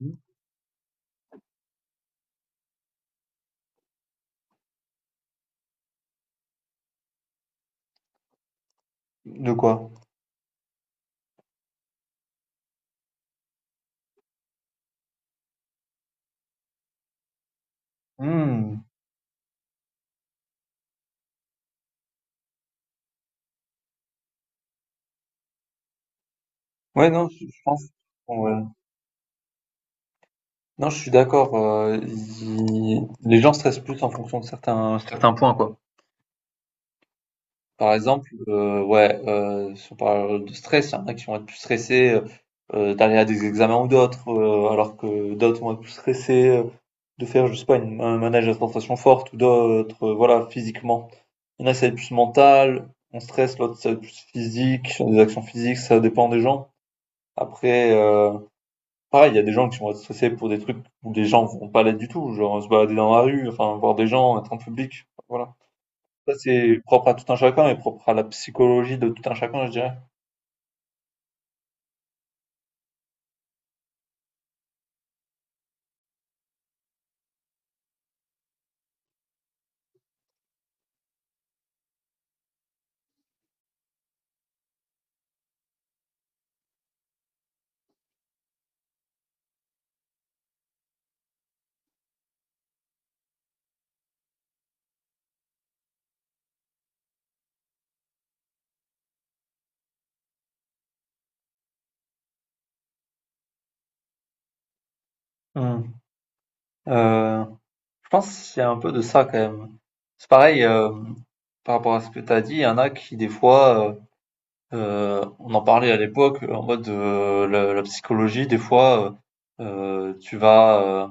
Mmh. De quoi? Mmh. Ouais, non, je pense. Bon, ouais. Non, je suis d'accord. Les gens stressent plus en fonction de certains points, quoi. Par exemple, ouais, si on parle de stress, il y en a qui vont être plus stressés d'aller à des examens ou d'autres, alors que d'autres vont être plus stressés de faire, je sais pas, un manège à tentation forte ou d'autres, voilà, physiquement. Il y en a, ça va être plus mental, on stresse, l'autre, ça va être plus physique, sur des actions physiques, ça dépend des gens. Après, pareil, il y a des gens qui vont être stressés pour des trucs où les gens vont pas l'être du tout, genre se balader dans la rue, enfin voir des gens, être en public, voilà. Ça, c'est propre à tout un chacun et propre à la psychologie de tout un chacun, je dirais. Hmm. Euh, je pense qu'il y a un peu de ça quand même. C'est pareil, par rapport à ce que tu as dit, il y en a qui, des fois, on en parlait à l'époque, en mode la psychologie, des fois, euh, euh, tu vas, euh,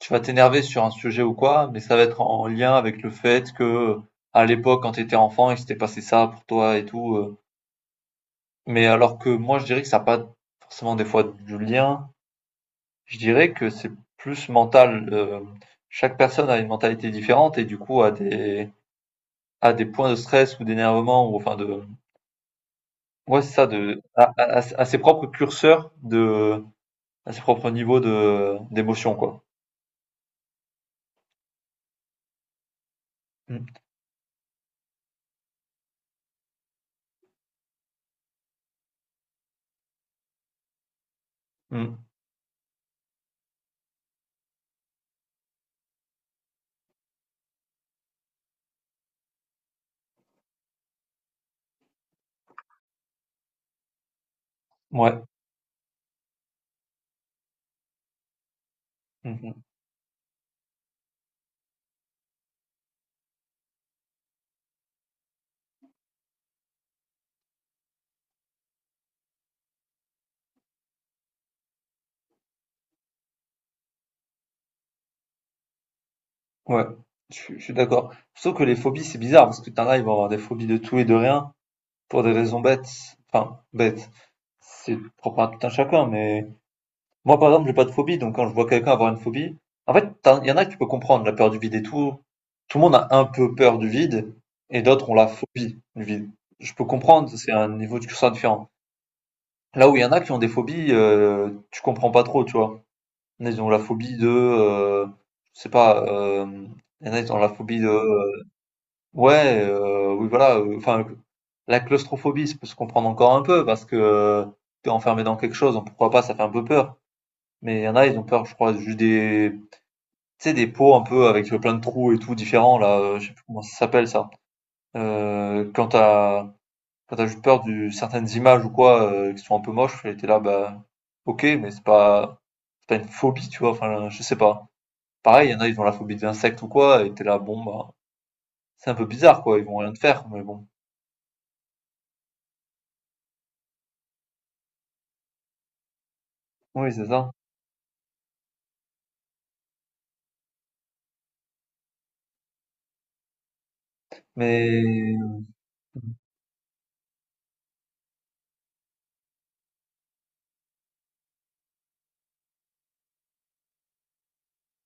tu vas t'énerver sur un sujet ou quoi, mais ça va être en lien avec le fait que, à l'époque, quand tu étais enfant, il s'était passé ça pour toi et tout. Mais alors que moi, je dirais que ça n'a pas forcément des fois du lien. Je dirais que c'est plus mental. Chaque personne a une mentalité différente et du coup a des points de stress ou d'énervement ou enfin de, ouais, c'est ça, à ses propres curseurs de, à ses propres niveaux de, d'émotion, quoi. Mm. Mm. Ouais. Mhm. Ouais, je suis d'accord. Sauf que les phobies, c'est bizarre, parce que t'en as, ils vont avoir des phobies de tout et de rien, pour des raisons bêtes. Enfin, bêtes. C'est propre à tout un chacun, mais moi, par exemple, j'ai pas de phobie, donc quand je vois quelqu'un avoir une phobie, en fait, il y en a que tu peux comprendre, la peur du vide et tout. Tout le monde a un peu peur du vide, et d'autres ont la phobie du vide. Je peux comprendre, c'est un niveau de ça différent. Là où il y en a qui ont des phobies, tu comprends pas trop, tu vois. Ils ont la phobie de, je sais pas, il y en a qui ont la phobie de. Ouais, oui voilà, enfin, la claustrophobie, ça peut se comprendre encore un peu parce que, tu enfermé dans quelque chose, donc pourquoi pas, ça fait un peu peur. Mais il y en a, ils ont peur, je crois, juste des, tu sais, des pots un peu avec, plein de trous et tout différents là, je sais plus comment ça s'appelle ça. Quand t'as juste peur de certaines images ou quoi, qui sont un peu moches et tu là, bah, OK, mais c'est pas une phobie, tu vois? Enfin, je sais pas. Pareil, il y en a, ils ont la phobie des insectes ou quoi et t'es là, bon, bah, c'est un peu bizarre quoi, ils vont rien te faire, mais bon. Oui, c'est ça. Mais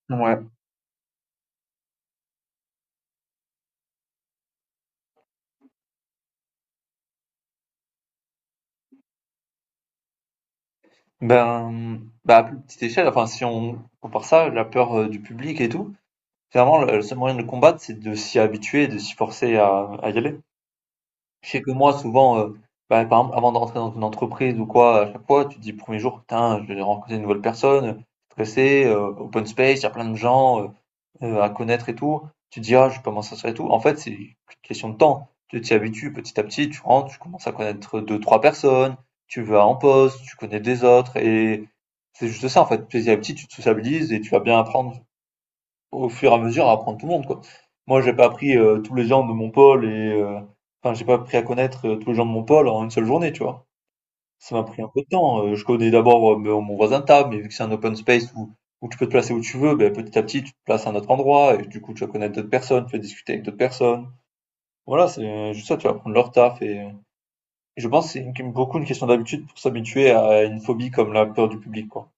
ouais, ben, bah, à plus petite échelle, enfin, si on compare ça, la peur du public et tout, finalement, le seul moyen de le combattre, c'est de s'y habituer, et de s'y forcer à y aller. Je sais que moi, souvent, bah, par exemple, avant d'entrer dans une entreprise ou quoi, à chaque fois, tu te dis, premier jour, putain, je vais rencontrer une nouvelle personne, stressé, open space, il y a plein de gens, à connaître et tout. Tu te dis, ah, je peux m'en sortir et tout. En fait, c'est une question de temps. Tu t'y habitues petit à petit, tu rentres, tu commences à connaître deux, trois personnes, tu vas en poste, tu connais des autres et c'est juste ça en fait. Petit à petit, tu te sociabilises et tu vas bien apprendre au fur et à mesure à apprendre tout le monde quoi. Moi, j'ai pas appris tous les gens de mon pôle et enfin, j'ai pas appris à connaître tous les gens de mon pôle en une seule journée, tu vois. Ça m'a pris un peu de temps. Je connais d'abord, mon voisin de table, mais vu que c'est un open space où tu peux te placer où tu veux, beh, petit à petit, tu te places à un autre endroit et du coup, tu vas connaître d'autres personnes, tu vas discuter avec d'autres personnes. Voilà, c'est juste ça, tu vas prendre leur taf et je pense que c'est une beaucoup une question d'habitude pour s'habituer à une phobie comme la peur du public, quoi.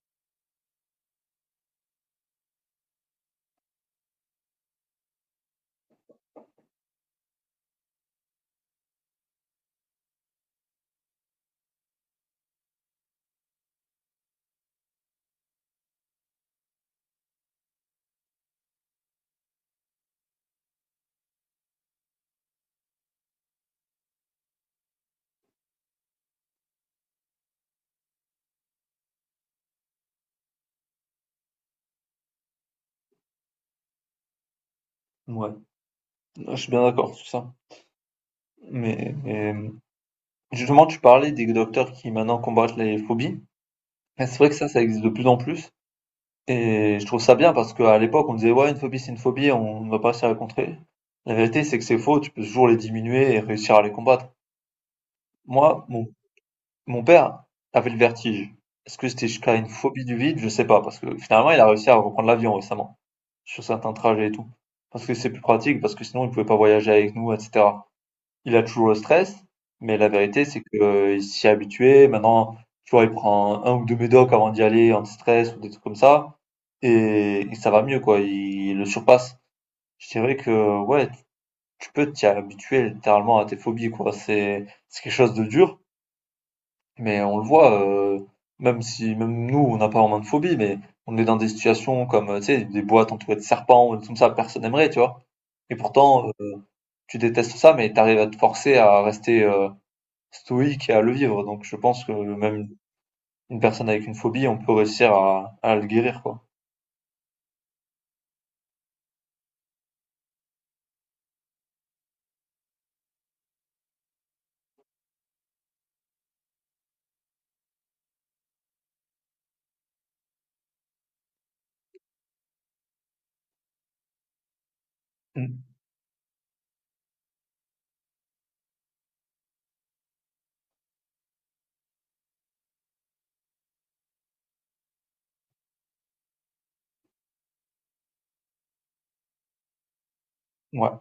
Ouais, je suis bien d'accord sur ça. Mais, justement, tu parlais des docteurs qui maintenant combattent les phobies. Bah, c'est vrai que ça existe de plus en plus. Et je trouve ça bien parce qu'à l'époque, on disait, ouais, une phobie, c'est une phobie, on ne va pas réussir à la contrer. La vérité, c'est que c'est faux, tu peux toujours les diminuer et réussir à les combattre. Moi, mon père avait le vertige. Est-ce que c'était jusqu'à une phobie du vide? Je sais pas, parce que finalement, il a réussi à reprendre l'avion récemment, sur certains trajets et tout. Parce que c'est plus pratique, parce que sinon, il pouvait pas voyager avec nous, etc. Il a toujours le stress, mais la vérité, c'est que, il s'y est habitué. Maintenant, tu vois, il prend un ou deux médocs avant d'y aller, anti-stress ou des trucs comme ça et ça va mieux quoi, il le surpasse. C'est vrai que ouais, tu peux t'y habituer littéralement à tes phobies quoi, c'est quelque chose de dur, mais on le voit, même si même nous on n'a pas vraiment de phobie, mais on est dans des situations comme, tu sais, des boîtes entourées de serpents ou des trucs comme ça, personne n'aimerait tu vois? Et pourtant, tu détestes ça, mais tu arrives à te forcer à rester, stoïque et à le vivre, donc je pense que même une personne avec une phobie, on peut réussir à le guérir quoi. Mmh. Ouais,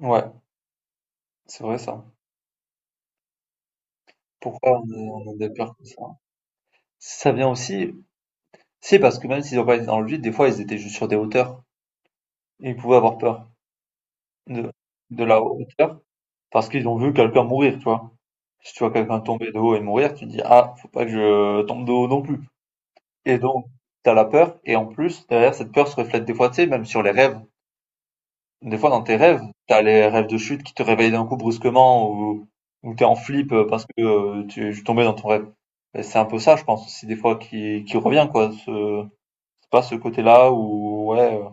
ouais, c'est vrai ça. Pourquoi on a des peurs comme ça? Ça vient aussi, c'est parce que même s'ils n'ont pas été dans le vide, des fois ils étaient juste sur des hauteurs. Et ils pouvaient avoir peur de, de, la hauteur parce qu'ils ont vu quelqu'un mourir, tu vois. Si tu vois quelqu'un tomber de haut et mourir, tu te dis, ah, faut pas que je tombe de haut non plus. Et donc, t'as la peur, et en plus, derrière cette peur se reflète des fois, tu sais, même sur les rêves. Des fois, dans tes rêves, t'as les rêves de chute qui te réveillent d'un coup brusquement, ou t'es en flip parce que tu es tombé dans ton rêve. Et c'est un peu ça, je pense, aussi, des fois, qui revient, quoi. C'est pas ce côté-là où, ouais,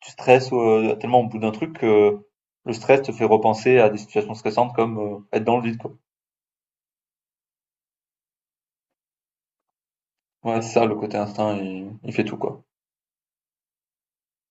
tu stresses tellement au bout d'un truc que le stress te fait repenser à des situations stressantes comme être dans le vide, quoi. Ouais, c'est ça, le côté instinct, il fait tout, quoi.